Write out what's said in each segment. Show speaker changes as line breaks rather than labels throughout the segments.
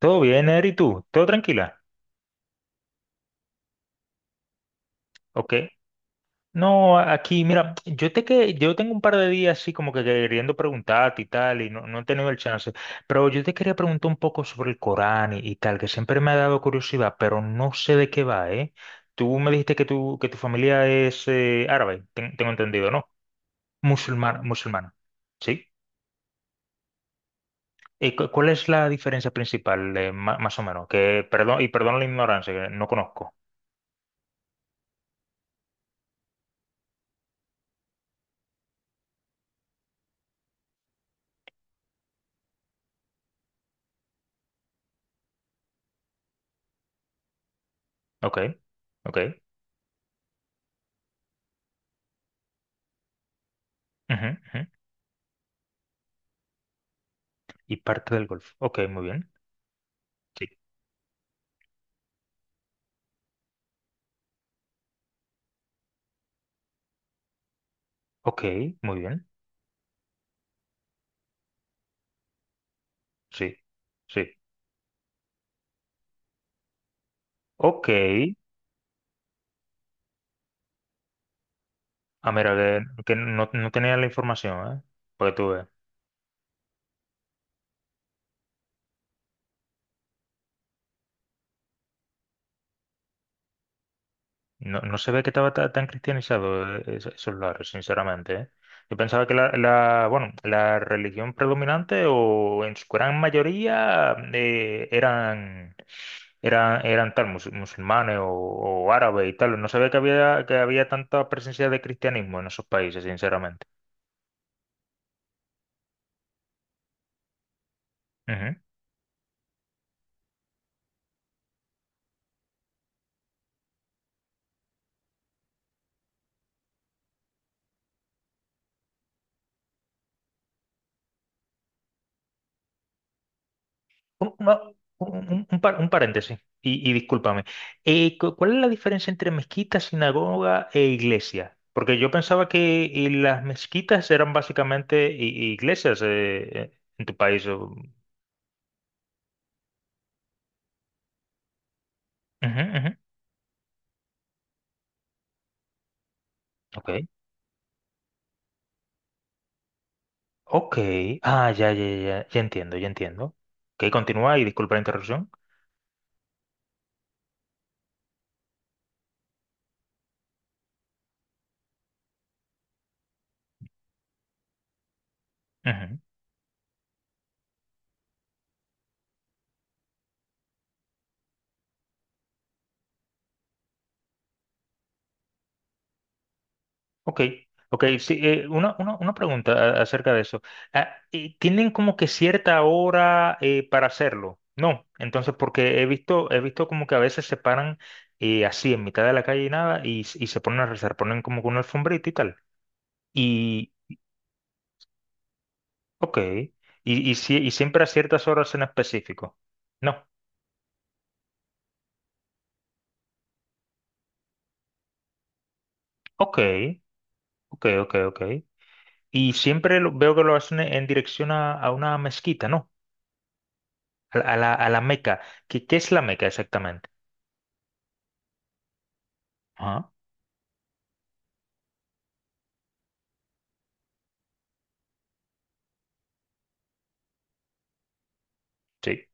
Todo bien, Eri, ¿tú? ¿Todo tranquila? Ok. No, aquí, mira, yo te que yo tengo un par de días así como que queriendo preguntarte y tal, y no, no he tenido el chance. Pero yo te quería preguntar un poco sobre el Corán y tal, que siempre me ha dado curiosidad, pero no sé de qué va, ¿eh? Tú me dijiste que tu familia es árabe, tengo entendido, ¿no? Musulmana, musulmana. ¿Sí? ¿Y cuál es la diferencia principal, más o menos? Que, perdón, y perdón la ignorancia, que no conozco. Ok, ok. Ujú, ujú. Y parte del Golfo. Ok, muy bien. Sí. Ok, muy bien. Sí. Sí. Ok. Ah, mira, que no, no tenía la información, ¿eh? Porque tú ves. No, no se ve que estaba tan cristianizado esos lares, sinceramente, ¿eh? Yo pensaba que bueno, la religión predominante o en su gran mayoría eran tal, musulmanes o árabes y tal. No se ve que había tanta presencia de cristianismo en esos países, sinceramente. Un, una- un par- un paréntesis, y discúlpame. ¿Cuál es la diferencia entre mezquita, sinagoga e iglesia? Porque yo pensaba que las mezquitas eran básicamente iglesias en tu país. Ujú, ujú. Ok. Ok. Ah, ya, ya, ya. Ya entiendo, ya entiendo. Ok, continúa y disculpa la interrupción. Ok, ok, sí, una pregunta acerca de eso. Ah, ¿tienen como que cierta hora para hacerlo? No, entonces porque he visto como que a veces se paran así en mitad de la calle y nada y se ponen a rezar, ponen como que una alfombrita y tal. Y, ok, y, si- y siempre a ciertas horas en específico. No, ok, ok, ok, ok. Y siempre veo que lo hacen en dirección a una mezquita, ¿no? A la Meca. ¿Qué es la Meca exactamente? Sí,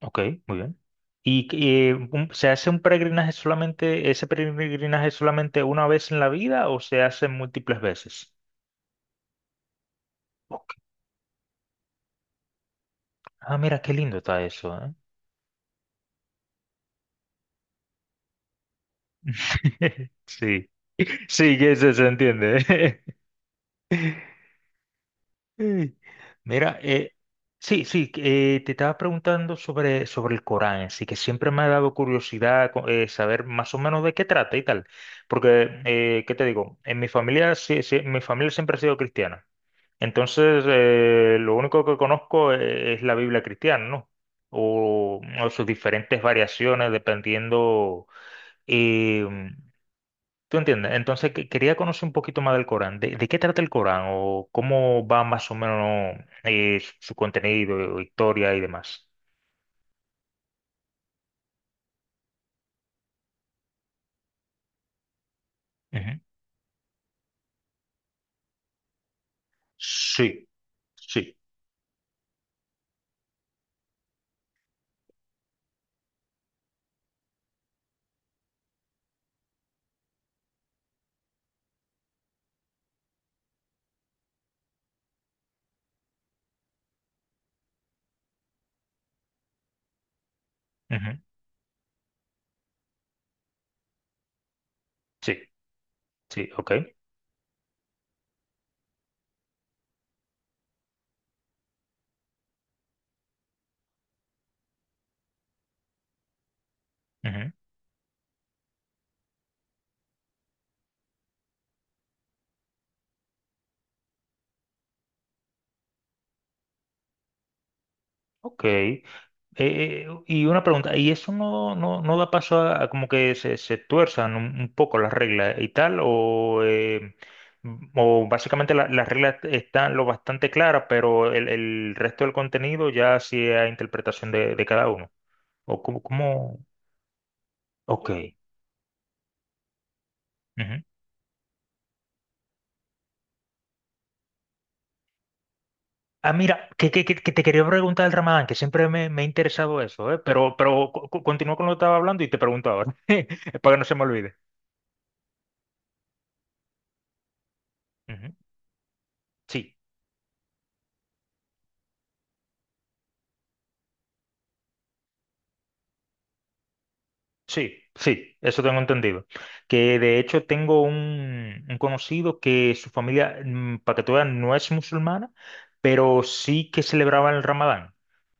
ok, muy bien. ¿Y se hace un peregrinaje solamente, ese peregrinaje solamente una vez en la vida o se hace múltiples veces? Ok. Ah, mira, qué lindo está eso, ¿eh? Sí, sí, que eso se entiende. Ey, mira, sí, sí, que, te estaba preguntando sobre el Corán, sí, que siempre me ha dado curiosidad saber más o menos de qué trata y tal, porque, ¿qué te digo? En mi familia, sí, sí, mi familia siempre ha sido cristiana. Entonces, lo único que conozco es la Biblia cristiana, ¿no? O sus diferentes variaciones dependiendo. eh, ¿Tú entiendes? Entonces, quería conocer un poquito más del Corán. ¿De qué trata el Corán? ¿O cómo va más o menos su contenido, historia y demás? Ujú. Sí, sí. Ujú. Sí, sí, ok. Ujú. Ok, y una pregunta, ¿y eso no da paso a como que se tuerzan un poco las reglas y tal? ¿O básicamente las reglas están lo bastante claras, pero el resto del contenido ya sí es a interpretación de cada uno? ¿O cómo? Ok. Ujú. Ah, mira, que te quería preguntar el Ramadán, que siempre me ha interesado eso, ¿eh? Pero continúa con lo que estaba hablando y te pregunto ahora, para que no se me olvide. Ujú. Sí. Sí, sí, eso tengo entendido. Que de hecho tengo un conocido que su familia, para que tú veas, no es musulmana, pero sí que celebraba el Ramadán.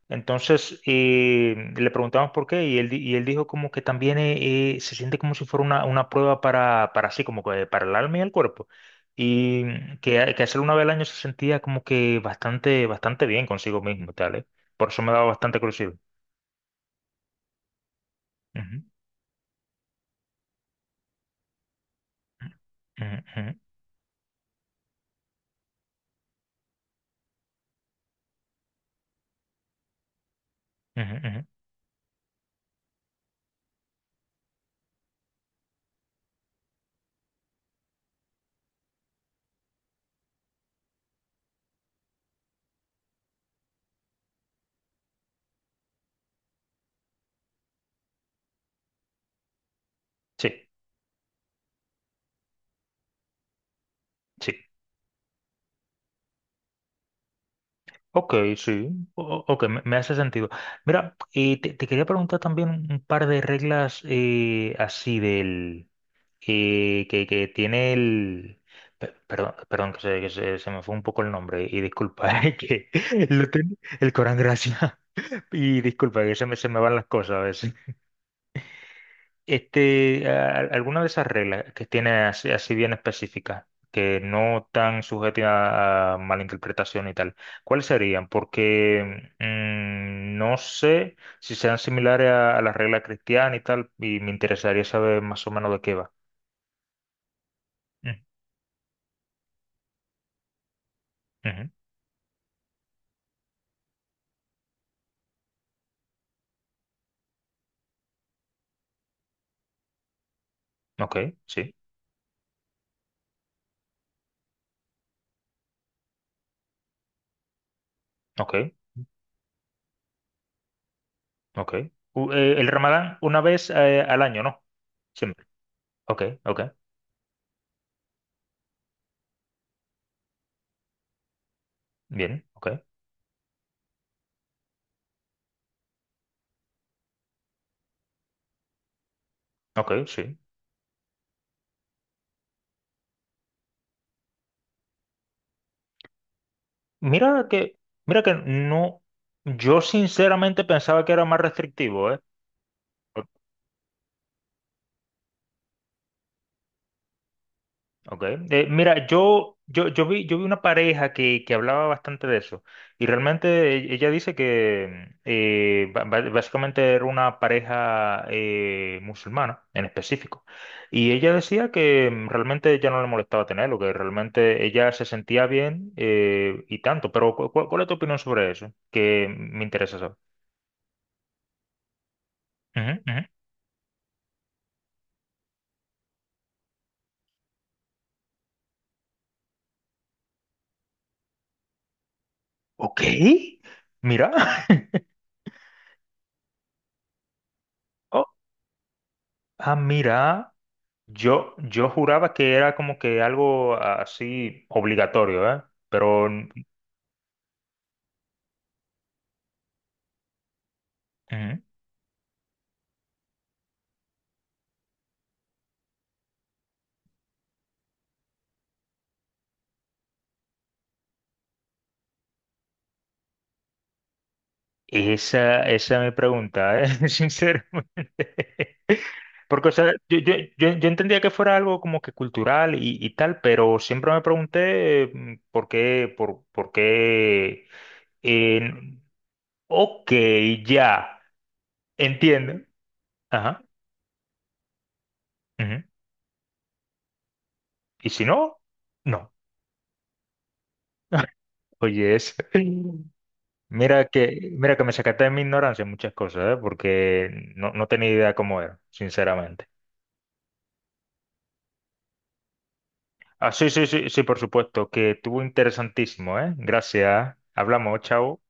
Entonces le preguntamos por qué y él dijo como que también se siente como si fuera una prueba para así, como que para el alma y el cuerpo. Y que hacerlo una vez al año se sentía como que bastante, bastante bien consigo mismo, y tal, ¿eh? Por eso me daba bastante curiosidad. Ujú. Ujú, ujú, ujú, ujú. Sí. Sí, ok, sí, ok, me hace sentido. Mira, te quería preguntar también un par de reglas así del que tiene el. Perdón, perdón se me fue un poco el nombre y disculpa, el Corán, gracias. Y disculpa que se me van las cosas a veces. Alguna de esas reglas que tiene así, así bien específicas, que no están sujetas a malinterpretación y tal, ¿cuáles serían? Porque no sé si sean similares a las reglas cristianas y tal, y me interesaría saber más o menos de qué va. Mm, ujú. Ok, sí, ok, ok. El Ramadán una vez al año, ¿no? Siempre. Ok, ok, bien, ok, ok, sí. Mira que, mira que no, yo sinceramente pensaba que era más restrictivo, ¿eh? O- Ok. Mira, yo vi una pareja que hablaba bastante de eso y realmente ella dice que básicamente era una pareja musulmana en específico y ella decía que realmente ella no le molestaba tenerlo, que realmente ella se sentía bien y tanto, pero ¿cuál es tu opinión sobre eso? Que me interesa saber. Ok, mira. Oh, ah, mira. Yo juraba que era como que algo así obligatorio, ¿eh? Pero mm, ujú. Esa es mi pregunta, ¿eh? Sinceramente. Porque, o sea, yo entendía que fuera algo como que cultural y tal, pero siempre me pregunté por qué. eh, ok, ya, entiendo. Ajá. Ujú. Y si no, no. Oye, es. Mira que me sacaste de mi ignorancia en muchas cosas, ¿eh? Porque no, no tenía idea cómo era, sinceramente. Ah, sí, sí, sí, sí, por supuesto, que estuvo interesantísimo, ¿eh? Gracias. Hablamos, chao.